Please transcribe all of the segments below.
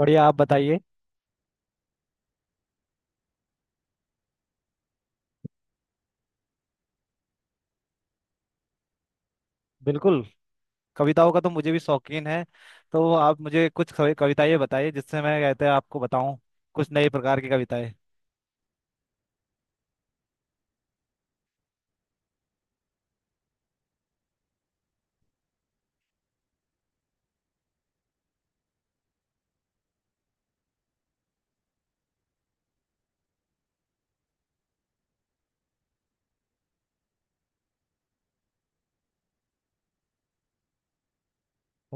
बढ़िया। आप बताइए। बिल्कुल। कविताओं का तो मुझे भी शौकीन है। तो आप मुझे कुछ कविताएं बताइए, जिससे मैं कहते हैं आपको बताऊं। कुछ नए प्रकार की कविताएं।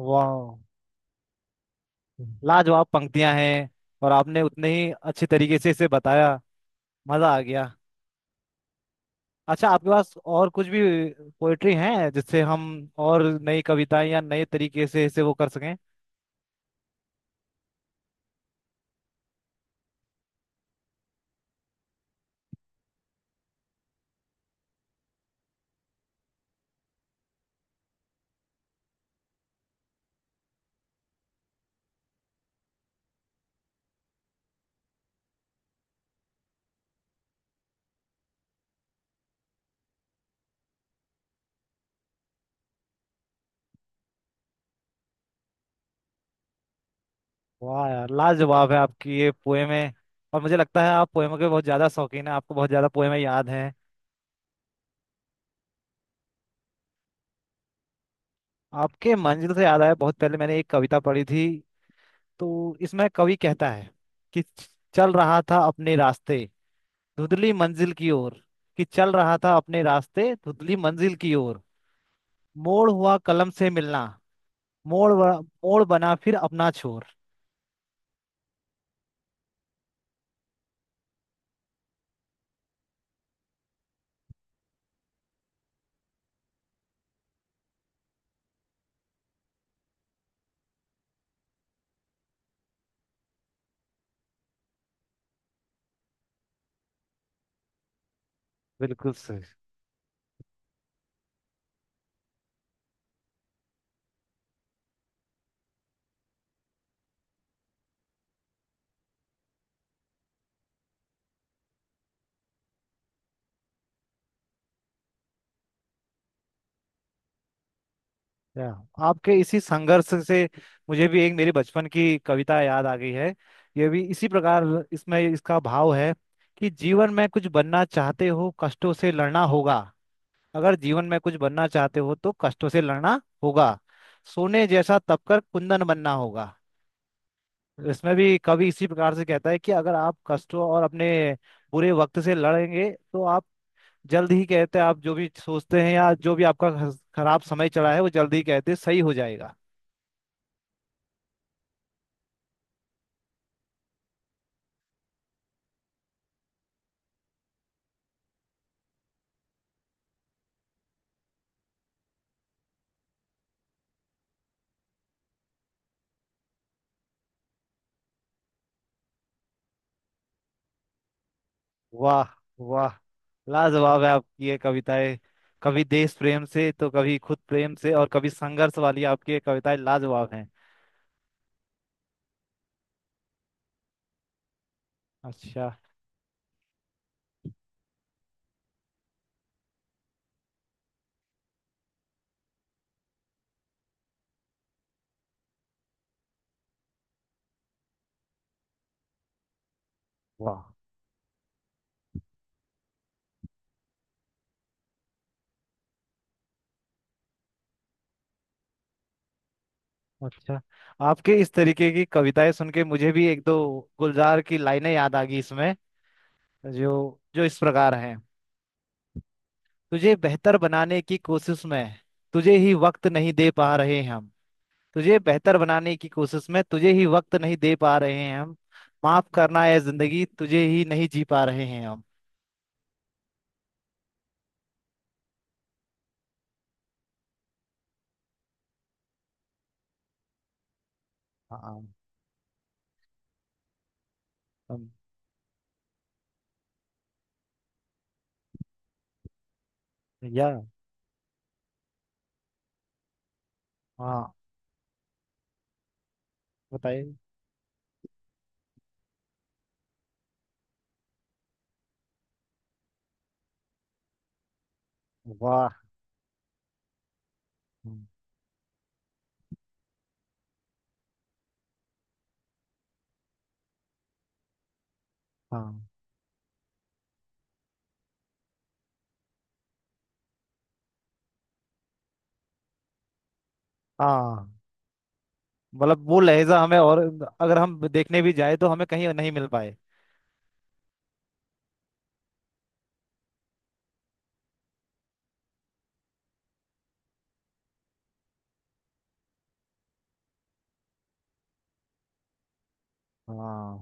वाह, लाजवाब पंक्तियां हैं, और आपने उतने ही अच्छे तरीके से इसे बताया। मजा आ गया। अच्छा, आपके पास और कुछ भी पोएट्री है, जिससे हम और नई कविताएं या नए तरीके से इसे वो कर सकें? वाह यार, लाजवाब है आपकी ये पोएमें। और मुझे लगता है आप पोएमों के बहुत ज्यादा शौकीन है, आपको बहुत ज्यादा पोएमें याद हैं। आपके मंजिल से याद आया, बहुत पहले मैंने एक कविता पढ़ी थी। तो इसमें कवि कहता है कि चल रहा था अपने रास्ते धुंधली मंजिल की ओर। कि चल रहा था अपने रास्ते धुंधली मंजिल की ओर, मोड़ हुआ कलम से मिलना, मोड़ मोड़ बना फिर अपना छोर। बिल्कुल सही। या, आपके इसी संघर्ष से मुझे भी एक मेरी बचपन की कविता याद आ गई है। ये भी इसी प्रकार, इसमें इसका भाव है कि जीवन में कुछ बनना चाहते हो, कष्टों से लड़ना होगा। अगर जीवन में कुछ बनना चाहते हो तो कष्टों से लड़ना होगा, सोने जैसा तपकर कुंदन बनना होगा। इसमें भी कवि इसी प्रकार से कहता है कि अगर आप कष्टों और अपने बुरे वक्त से लड़ेंगे, तो आप जल्द ही, कहते हैं, आप जो भी सोचते हैं या जो भी आपका खराब समय चला है, वो जल्द ही कहते हैं सही हो जाएगा। वाह, वाह। लाजवाब है आपकी ये कविताएं। कभी देश प्रेम से तो कभी खुद प्रेम से और कभी संघर्ष वाली, आपकी ये कविताएं लाजवाब हैं। अच्छा। वाह। अच्छा, आपके इस तरीके की कविताएं सुन के मुझे भी एक दो गुलजार की लाइनें याद आ गई इसमें, जो जो इस प्रकार हैं। तुझे बेहतर बनाने की कोशिश में, तुझे ही वक्त नहीं दे पा रहे हम। तुझे बेहतर बनाने की कोशिश में, तुझे ही वक्त नहीं दे पा रहे हैं हम। माफ करना है जिंदगी, तुझे ही नहीं जी पा रहे हैं हम। हाँ। हम- या। हाँ, बताइए। वाह। हम्म। हाँ, हाँ। मतलब वो लहजा हमें, और अगर हम देखने भी जाए तो हमें कहीं नहीं मिल पाए। हाँ,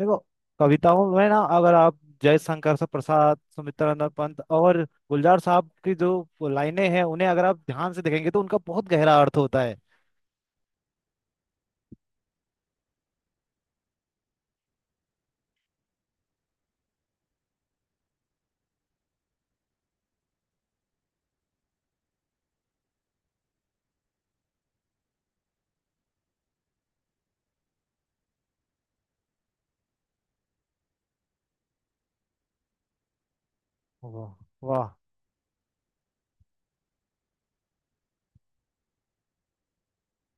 देखो, कविताओं में ना, अगर आप जयशंकर प्रसाद, सुमित्रानंद पंत और गुलजार साहब की जो लाइनें हैं, उन्हें अगर आप ध्यान से देखेंगे तो उनका बहुत गहरा अर्थ होता है। वाह, वाह।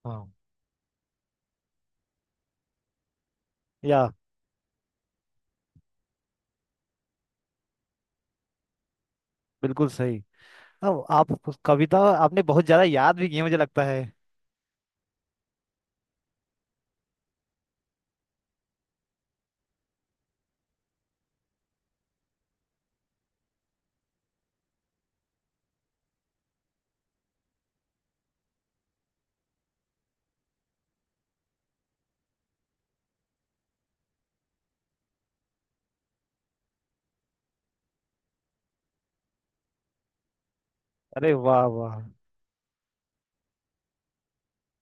हाँ। या। बिल्कुल सही। हाँ, आप उस कविता, आपने बहुत ज्यादा याद भी की है, मुझे लगता है। अरे वाह, वाह।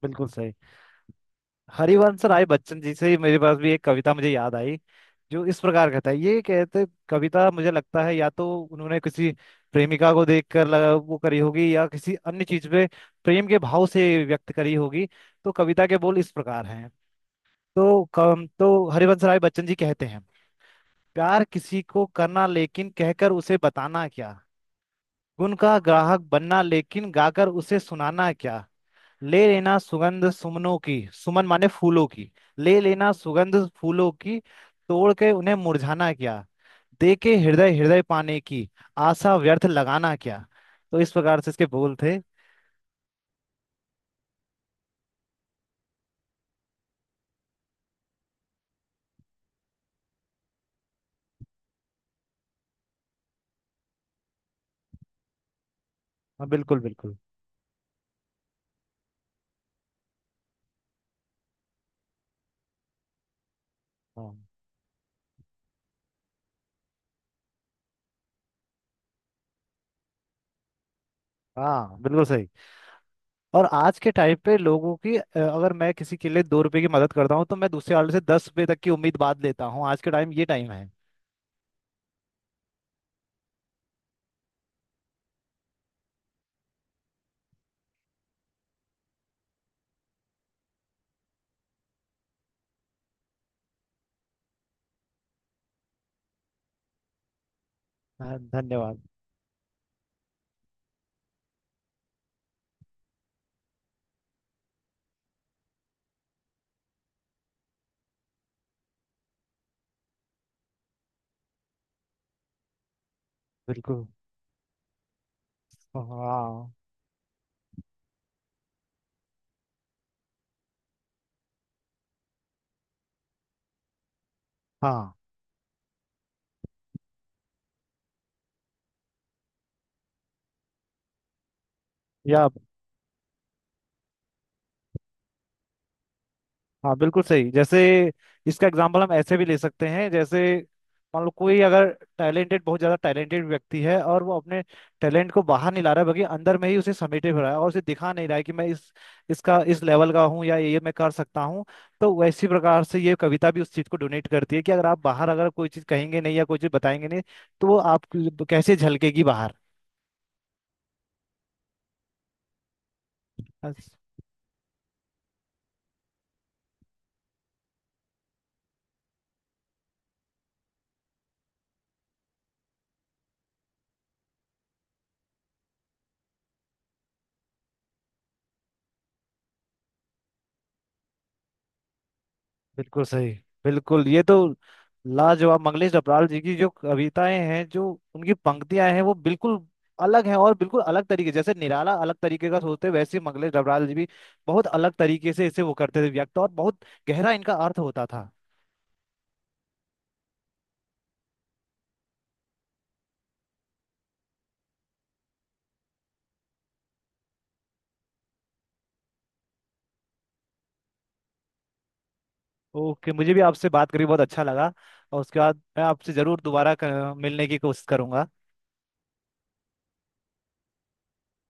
बिल्कुल सही। हरिवंश राय बच्चन जी से ही मेरे पास भी एक कविता मुझे याद आई, जो इस प्रकार का था। ये कहते कविता, मुझे लगता है, या तो उन्होंने किसी प्रेमिका को देखकर लगा वो करी होगी, या किसी अन्य चीज पे प्रेम के भाव से व्यक्त करी होगी। तो कविता के बोल इस प्रकार हैं। तो कम तो हरिवंश राय बच्चन जी कहते हैं, प्यार किसी को करना, लेकिन कहकर उसे बताना क्या। गुण का ग्राहक बनना, लेकिन गाकर उसे सुनाना क्या। ले लेना सुगंध सुमनों की, सुमन माने फूलों की, ले लेना सुगंध फूलों की, तोड़ के उन्हें मुरझाना क्या। दे के हृदय हृदय पाने की आशा व्यर्थ लगाना क्या। तो इस प्रकार से इसके बोल थे। हाँ, बिल्कुल, बिल्कुल। हाँ। हाँ, बिल्कुल सही। और आज के टाइम पे लोगों की, अगर मैं किसी के लिए 2 रुपए की मदद करता हूँ तो मैं दूसरे वाले से 10 रुपए तक की उम्मीद बांध लेता हूँ। आज के टाइम, ये टाइम है। हाँ, धन्यवाद। बिल्कुल। हाँ, हाँ। हाँ, या। हाँ, बिल्कुल सही। जैसे, इसका एग्जाम्पल हम ऐसे भी ले सकते हैं, जैसे मान लो कोई अगर टैलेंटेड, बहुत ज़्यादा टैलेंटेड व्यक्ति है और वो अपने टैलेंट को बाहर नहीं ला रहा है, बल्कि अंदर में ही उसे समेटे हुए रहा है और उसे दिखा नहीं रहा है कि मैं इस इसका, इस लेवल का हूँ या ये मैं कर सकता हूँ, तो वैसी प्रकार से ये कविता भी उस चीज़ को डोनेट करती है कि अगर आप बाहर अगर कोई चीज़ कहेंगे नहीं, या कोई चीज़ बताएंगे नहीं, तो वो आप कैसे झलकेगी बाहर। बिल्कुल सही। बिल्कुल, ये तो लाजवाब, मंगलेश डबराल जी की जो कविताएं हैं, जो उनकी पंक्तियां हैं, वो बिल्कुल अलग हैं और बिल्कुल अलग तरीके, जैसे निराला अलग तरीके का सोचते हैं, वैसे ही मंगलेश डबराल जी भी बहुत अलग तरीके से इसे वो करते थे व्यक्त, और बहुत गहरा इनका अर्थ होता था। ओके, मुझे भी आपसे बात करके बहुत अच्छा लगा, और उसके बाद मैं आपसे जरूर दोबारा मिलने की कोशिश करूंगा।